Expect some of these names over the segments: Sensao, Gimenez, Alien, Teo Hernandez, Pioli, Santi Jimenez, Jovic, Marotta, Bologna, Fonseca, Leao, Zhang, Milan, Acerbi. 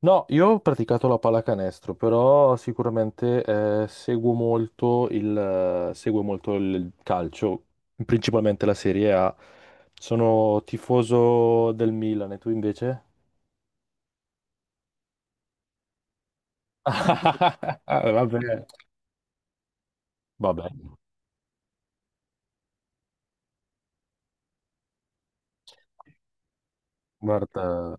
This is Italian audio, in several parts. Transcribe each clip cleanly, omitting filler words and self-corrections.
No, io ho praticato la pallacanestro, però sicuramente seguo molto seguo molto il calcio, principalmente la Serie A. Sono tifoso del Milan, e tu invece? Vabbè, vabbè, guarda.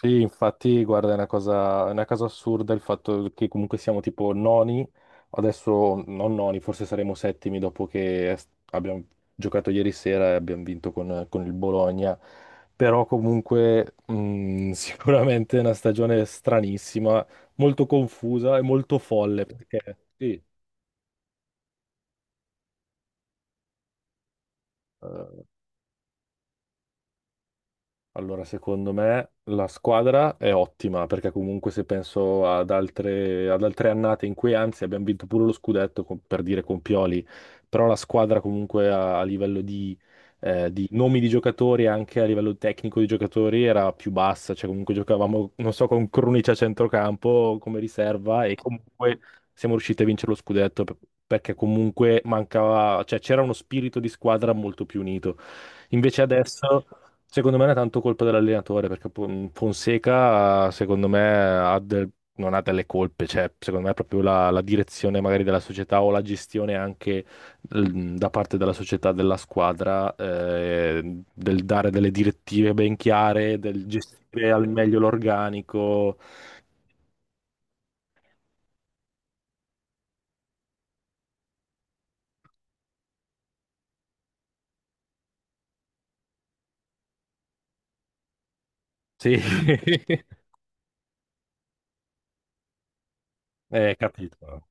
Sì, infatti, guarda, è una cosa assurda il fatto che comunque siamo tipo noni, adesso non noni, forse saremo settimi dopo che abbiamo giocato ieri sera e abbiamo vinto con il Bologna, però comunque sicuramente è una stagione stranissima, molto confusa e molto folle, perché sì. eh, Allora, secondo me la squadra è ottima perché comunque se penso ad altre annate in cui anzi abbiamo vinto pure lo scudetto per dire con Pioli, però la squadra comunque a livello di nomi di giocatori e anche a livello tecnico di giocatori era più bassa, cioè comunque giocavamo, non so, con Krunic a centrocampo come riserva e comunque siamo riusciti a vincere lo scudetto perché comunque mancava, cioè c'era uno spirito di squadra molto più unito. Invece adesso... Secondo me non è tanto colpa dell'allenatore, perché Fonseca, secondo me, ha del- non ha delle colpe, cioè, secondo me è proprio la direzione magari della società o la gestione anche da parte della società, della squadra, del dare delle direttive ben chiare, del gestire al meglio l'organico. Sì, capito.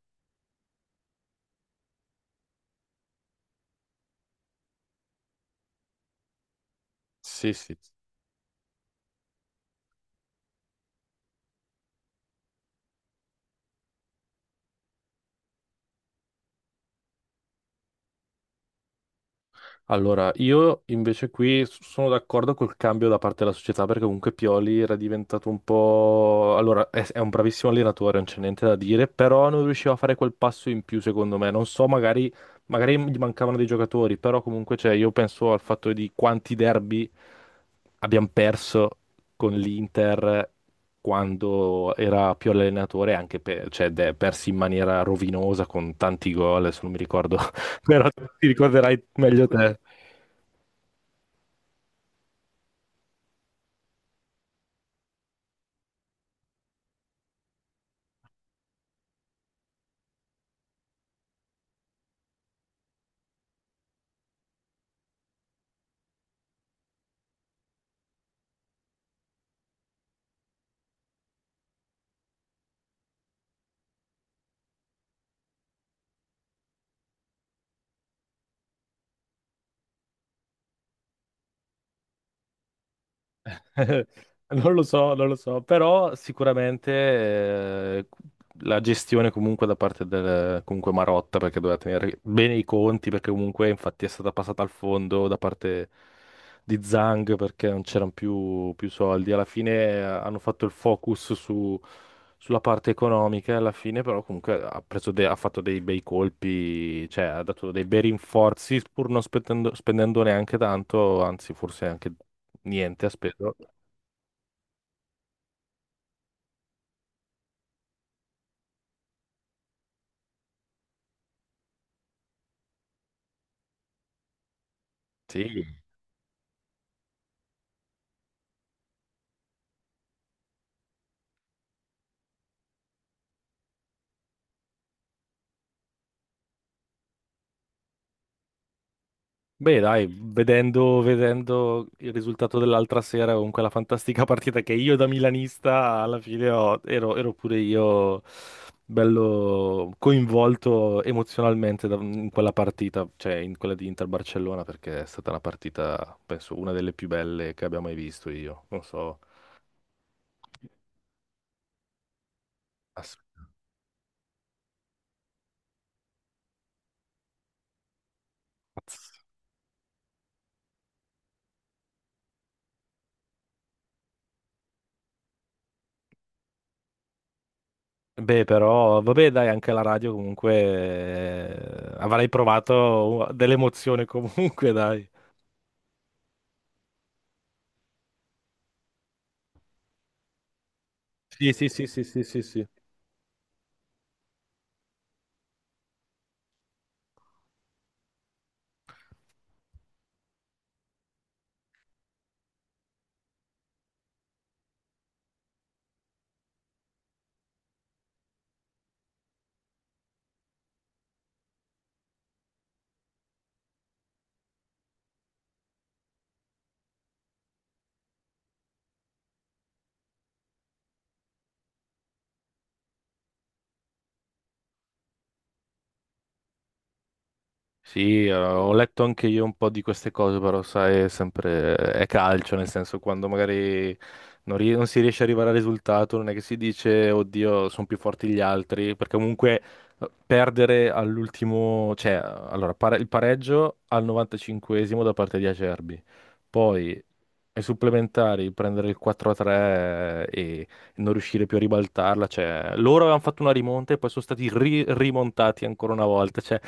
Sì, sì. Allora, io invece qui sono d'accordo col cambio da parte della società perché comunque Pioli era diventato un po'... Allora, è un bravissimo allenatore, non c'è niente da dire, però non riusciva a fare quel passo in più secondo me. Non so, magari, magari gli mancavano dei giocatori, però comunque cioè, io penso al fatto di quanti derby abbiamo perso con l'Inter quando era Pioli allenatore, anche per, cioè, persi in maniera rovinosa con tanti gol, se non mi ricordo però ti ricorderai meglio te. Non lo so, non lo so, però sicuramente la gestione comunque da parte del comunque Marotta, perché doveva tenere bene i conti, perché comunque infatti è stata passata al fondo da parte di Zhang perché non c'erano più soldi. Alla fine hanno fatto il focus sulla parte economica, e alla fine però comunque ha fatto dei bei colpi, cioè ha dato dei bei rinforzi pur non spendendo neanche tanto, anzi forse anche niente ha speso. Sì, beh, dai, vedendo il risultato dell'altra sera con quella fantastica partita che io da milanista alla fine ero pure io bello coinvolto emozionalmente in quella partita, cioè in quella di Inter-Barcellona, perché è stata una partita, penso, una delle più belle che abbia mai visto io. Non so. ass- ass- Beh, però, vabbè, dai, anche la radio comunque avrei provato dell'emozione comunque, dai. Sì, sì, sì, sì, sì, sì, sì. Sì, ho letto anche io un po' di queste cose, però sai, è sempre è calcio, nel senso quando magari non si riesce ad arrivare al risultato, non è che si dice, oddio, sono più forti gli altri, perché comunque perdere all'ultimo, cioè, allora, il pareggio al 95esimo da parte di Acerbi, poi ai supplementari prendere il 4-3 e non riuscire più a ribaltarla, cioè loro avevano fatto una rimonta e poi sono stati rimontati ancora una volta, cioè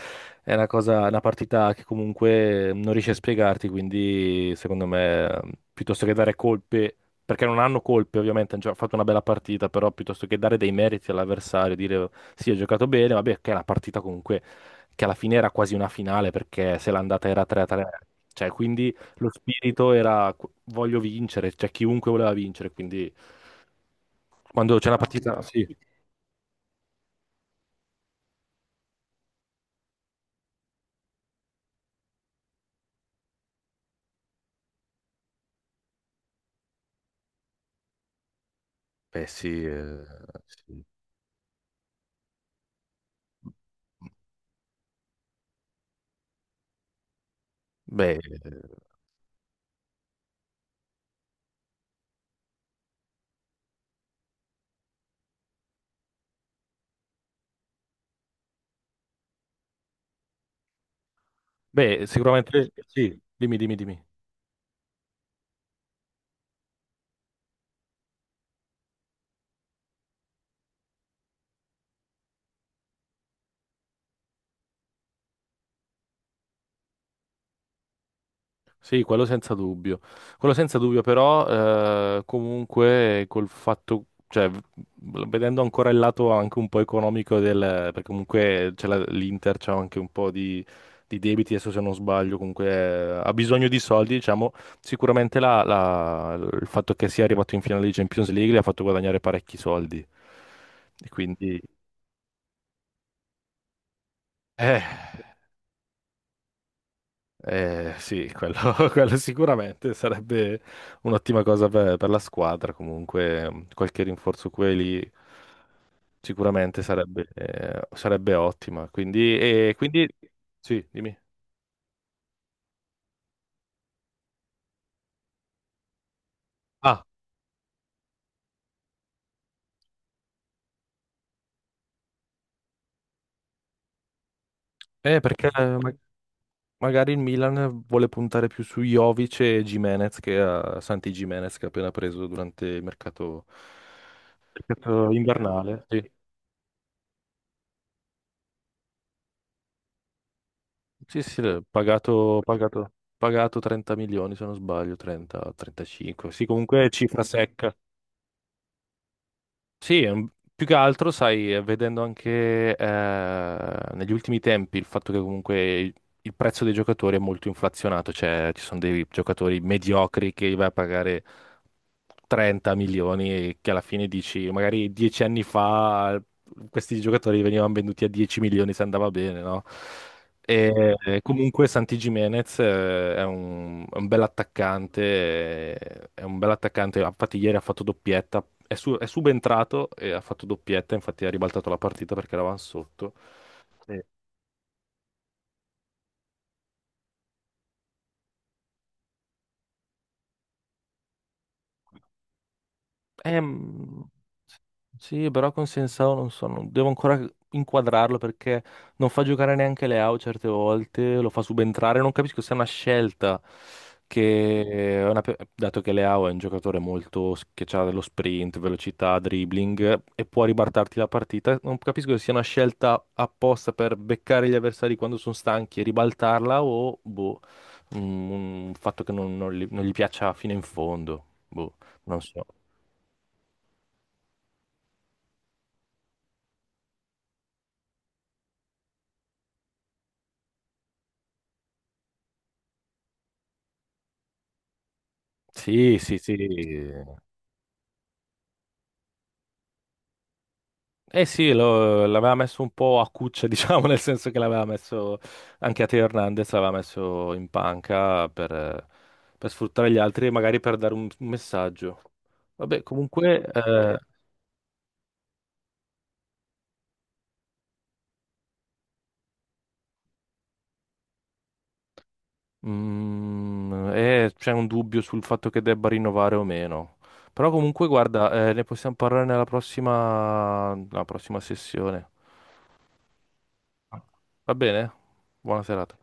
è una cosa, una partita che comunque non riesci a spiegarti, quindi secondo me piuttosto che dare colpe, perché non hanno colpe ovviamente, hanno già fatto una bella partita, però piuttosto che dare dei meriti all'avversario, dire sì, ha giocato bene, vabbè, che è una partita comunque che alla fine era quasi una finale perché se l'andata era 3-3, cioè quindi lo spirito era voglio vincere, cioè chiunque voleva vincere, quindi quando c'è una Ah, sì. partita, sì. Beh, sì, sì. Beh, eh, beh, sicuramente sì, dimmi, dimmi, dimmi. Sì, quello senza dubbio. Quello senza dubbio, però comunque col fatto, cioè, vedendo ancora il lato anche un po' economico perché comunque c'è l'Inter c'ha anche un po' di debiti, adesso se non sbaglio, comunque ha bisogno di soldi, diciamo, sicuramente il fatto che sia arrivato in finale di Champions League gli ha fatto guadagnare parecchi soldi. E quindi... Eh. Sì, quello, quello sicuramente sarebbe un'ottima cosa per la squadra. Comunque, qualche rinforzo qui e lì sicuramente sarebbe ottima. Quindi, sì, dimmi. Ah, perché magari il Milan vuole puntare più su Jovic e Gimenez che a Santi Gimenez che ha appena preso durante il mercato, mercato invernale. Sì. Sì, sì, l'ho pagato 30 milioni se non sbaglio, 30, 35. Sì, comunque cifra secca. Sì, più che altro, sai, vedendo anche negli ultimi tempi il fatto che comunque il prezzo dei giocatori è molto inflazionato, cioè ci sono dei giocatori mediocri che vai a pagare 30 milioni e che alla fine dici, magari 10 anni fa questi giocatori venivano venduti a 10 milioni se andava bene, no? E comunque Santi Jimenez è un bel attaccante, è un bel attaccante, infatti ieri ha fatto doppietta, è subentrato e ha fatto doppietta, infatti ha ribaltato la partita perché eravamo sotto. Sì. Eh, mm, sì, però con Sensao non so, devo ancora inquadrarlo perché non fa giocare neanche Leao certe volte, lo fa subentrare, non capisco se è una scelta che, è una pe- dato che Leao è un giocatore molto che ha dello sprint, velocità, dribbling e può ribaltarti la partita, non capisco se sia una scelta apposta per beccare gli avversari quando sono stanchi e ribaltarla o boh, un, un fatto che non gli piaccia fino in fondo, boh, non so. Sì, sì, sì. Eh sì, l'aveva messo un po' a cuccia, diciamo, nel senso che l'aveva messo anche a Teo Hernandez, l'aveva messo in panca per sfruttare gli altri e magari per dare un messaggio. Vabbè, comunque c'è un dubbio sul fatto che debba rinnovare o meno. Però comunque, guarda, ne possiamo parlare nella prossima sessione. Va bene? Buona serata.